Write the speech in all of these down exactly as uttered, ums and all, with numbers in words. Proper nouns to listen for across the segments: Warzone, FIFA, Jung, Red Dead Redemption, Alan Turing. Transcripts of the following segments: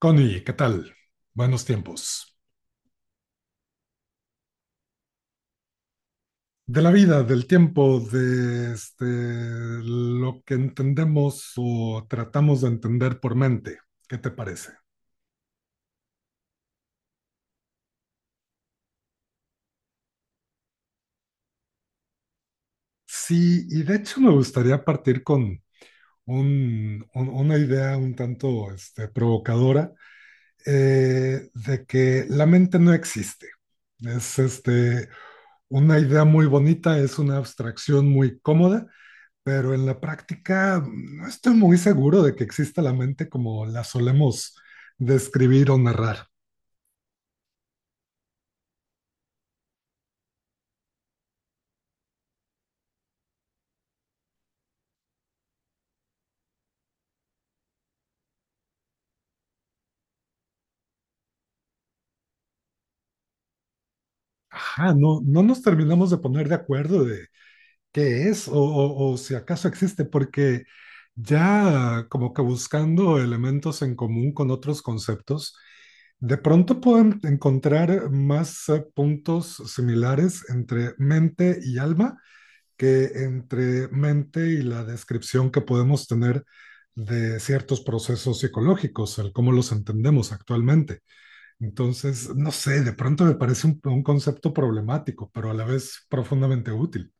Connie, ¿qué tal? Buenos tiempos. De la vida, del tiempo, de este, lo que entendemos o tratamos de entender por mente. ¿Qué te parece? Sí, y de hecho me gustaría partir con un- un- una idea un tanto este, provocadora, eh, de que la mente no existe. Es este, una idea muy bonita, es una abstracción muy cómoda, pero en la práctica mm, no estoy muy seguro de que exista la mente como la solemos describir o narrar. Ajá, no, no nos terminamos de poner de acuerdo de qué es o, o- o si acaso existe, porque ya como que buscando elementos en común con otros conceptos, de pronto pueden encontrar más eh, puntos similares entre mente y alma que entre mente y la descripción que podemos tener de ciertos procesos psicológicos, el cómo los entendemos actualmente. Entonces, no sé, de pronto me parece un, un concepto problemático, pero a la vez profundamente útil.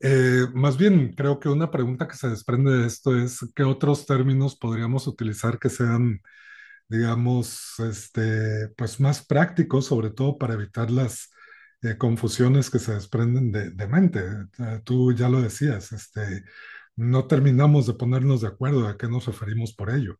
Eh, más bien, creo que una pregunta que se desprende de esto es qué otros términos podríamos utilizar que sean, digamos, este, pues más prácticos, sobre todo para evitar las eh, confusiones que se desprenden de, de mente. Eh, Tú ya lo decías, este, no terminamos de ponernos de acuerdo a qué nos referimos por ello.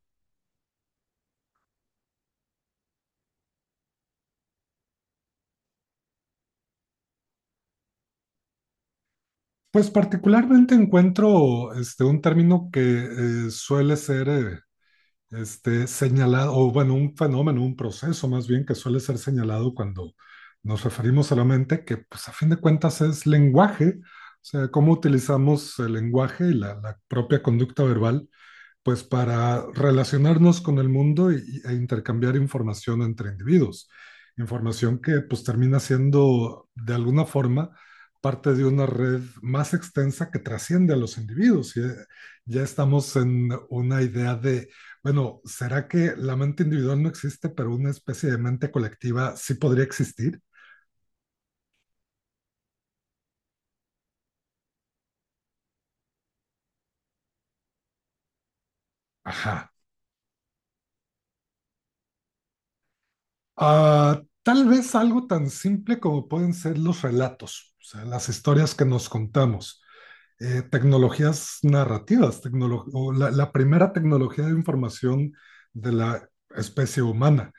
Pues particularmente encuentro, este, un término que eh, suele ser, eh, este, señalado, o bueno, un fenómeno, un proceso más bien que suele ser señalado cuando nos referimos a la mente, que pues a fin de cuentas es lenguaje, o sea, cómo utilizamos el lenguaje y la, la propia conducta verbal pues para relacionarnos con el mundo y- e intercambiar información entre individuos. Información que pues termina siendo de alguna forma parte de una red más extensa que trasciende a los individuos. Y, eh, ya estamos en una idea de, bueno, ¿será que la mente individual no existe, pero una especie de mente colectiva sí podría existir? Ajá. Ah, tal vez algo tan simple como pueden ser los relatos, o sea, las historias que nos contamos, eh, tecnologías narrativas, tecnolo o la, la, primera tecnología de información de la especie humana,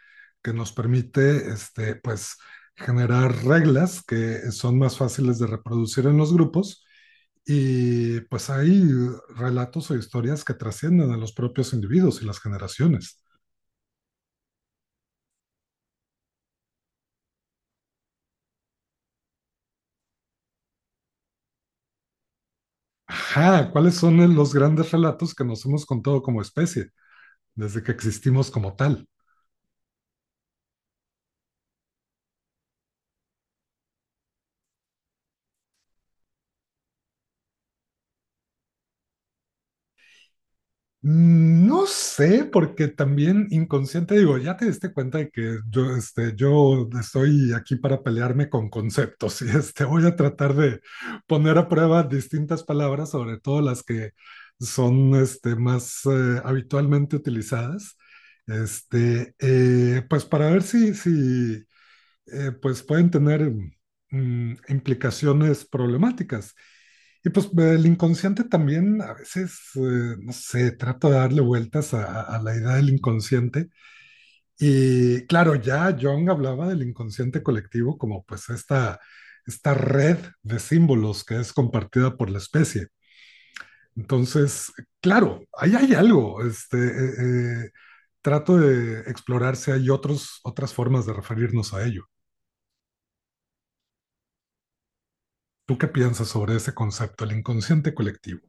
que nos permite, este, pues, generar reglas que son más fáciles de reproducir en los grupos. Y pues hay relatos o historias que trascienden a los propios individuos y las generaciones. Ajá, ¿cuáles son los grandes relatos que nos hemos contado como especie desde que existimos como tal? Mm, No sé, porque también inconsciente, digo, ya te diste cuenta de que yo, este, yo estoy aquí para pelearme con conceptos y este, voy a tratar de poner a prueba distintas palabras, sobre todo las que son, este, más eh, habitualmente utilizadas, este, eh, pues para ver si, si, eh, pues pueden tener, mm, implicaciones problemáticas. Y pues el inconsciente también a veces, eh, no sé, trata de darle vueltas a, a, la idea del inconsciente. Y claro, ya Jung hablaba del inconsciente colectivo como pues esta, esta red de símbolos que es compartida por la especie. Entonces, claro, ahí hay algo. Este, eh, eh, trato de explorar si hay otros, otras formas de referirnos a ello. ¿Tú qué piensas sobre ese concepto, el inconsciente colectivo?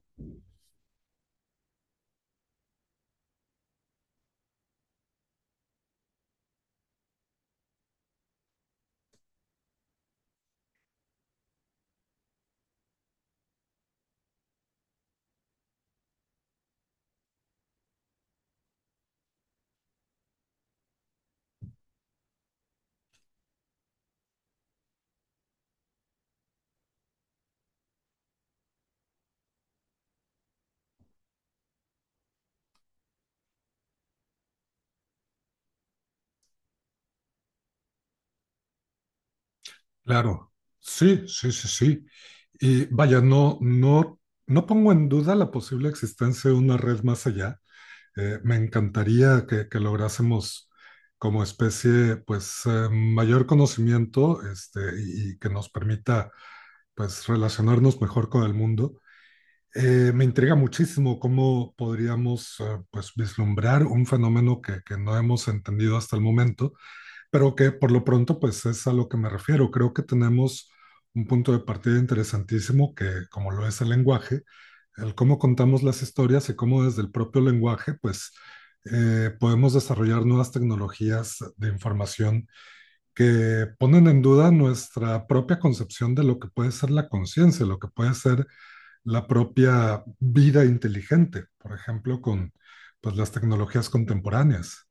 Claro, sí, sí, sí, sí. Y vaya, no, no, no pongo en duda la posible existencia de una red más allá. Eh, me encantaría que, que lográsemos como especie, pues, eh, mayor conocimiento, este, y, y que nos permita, pues, relacionarnos mejor con el mundo. Eh, me intriga muchísimo cómo podríamos, eh, pues, vislumbrar un fenómeno que, que no hemos entendido hasta el momento. Pero que por lo pronto, pues es a lo que me refiero. Creo que tenemos un punto de partida interesantísimo que, como lo es el lenguaje, el cómo contamos las historias y cómo desde el propio lenguaje, pues, eh, podemos desarrollar nuevas tecnologías de información que ponen en duda nuestra propia concepción de lo que puede ser la conciencia, lo que puede ser la propia vida inteligente, por ejemplo, con, pues, las tecnologías contemporáneas.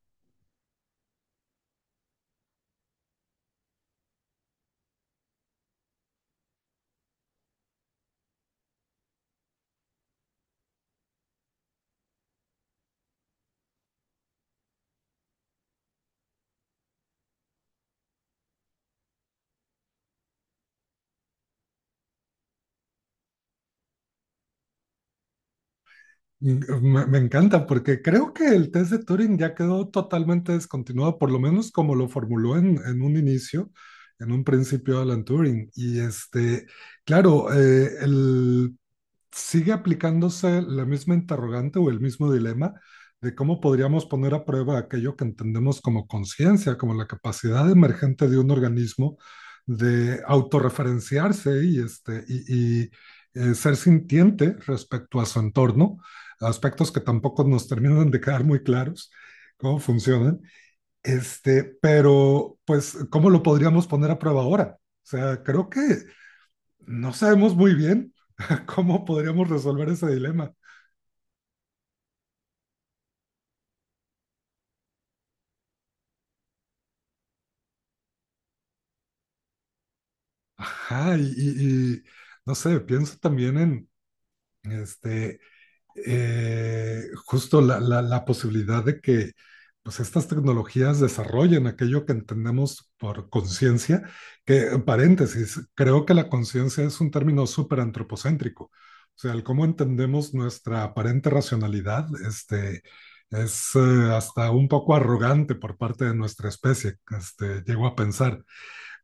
Me, me encanta porque creo que el test de Turing ya quedó totalmente descontinuado, por lo menos como lo formuló en, en un inicio, en un principio Alan Turing. Y este, claro, eh, el sigue aplicándose la misma interrogante o el mismo dilema de cómo podríamos poner a prueba aquello que entendemos como conciencia, como la capacidad emergente de un organismo de autorreferenciarse y, este, y, y eh, ser sintiente respecto a su entorno, aspectos que tampoco nos terminan de quedar muy claros cómo funcionan, este, pero pues, ¿cómo lo podríamos poner a prueba ahora? O sea, creo que no sabemos muy bien ¿cómo podríamos resolver ese dilema? Ajá, y, y- y, no sé, pienso también en este, eh, justo la, la- la posibilidad de que, pues, estas tecnologías desarrollen aquello que entendemos por conciencia, que, en paréntesis, creo que la conciencia es un término súper antropocéntrico. O sea, el cómo entendemos nuestra aparente racionalidad, este, es, eh, hasta un poco arrogante por parte de nuestra especie, este, llego a pensar.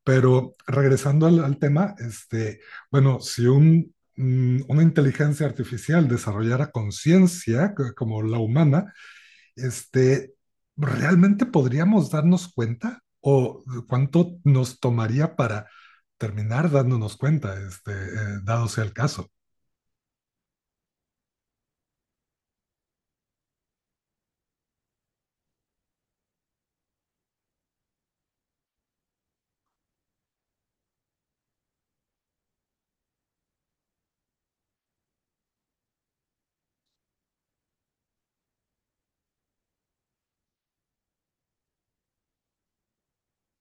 Pero regresando al, al tema, este, bueno, si un, mm, una inteligencia artificial desarrollara conciencia c- como la humana, este, ¿realmente podríamos darnos cuenta? ¿O cuánto nos tomaría para terminar dándonos cuenta, este, eh, dado sea el caso?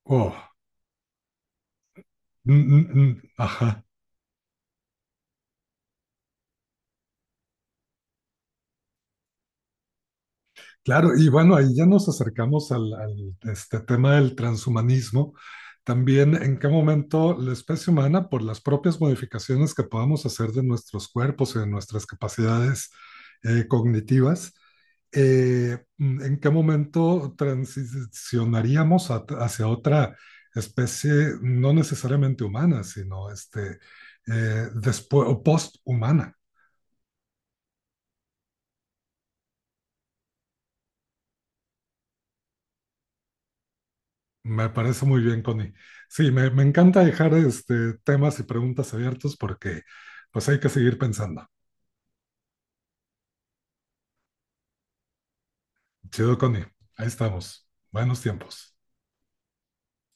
Oh, mm, mm, mm, ajá. Claro, y bueno, ahí ya nos acercamos al, al, este tema del transhumanismo. También en qué momento la especie humana, por las propias modificaciones que podamos hacer de nuestros cuerpos y de nuestras capacidades, eh, cognitivas, eh, mm, en qué momento transicionaríamos a- hacia otra especie no necesariamente humana, sino, este, eh, después, o post-humana. Me parece muy bien, Connie. Sí, me, me encanta dejar, este, temas y preguntas abiertos, porque pues hay que seguir pensando. Chido, Connie. Ahí estamos. Buenos tiempos.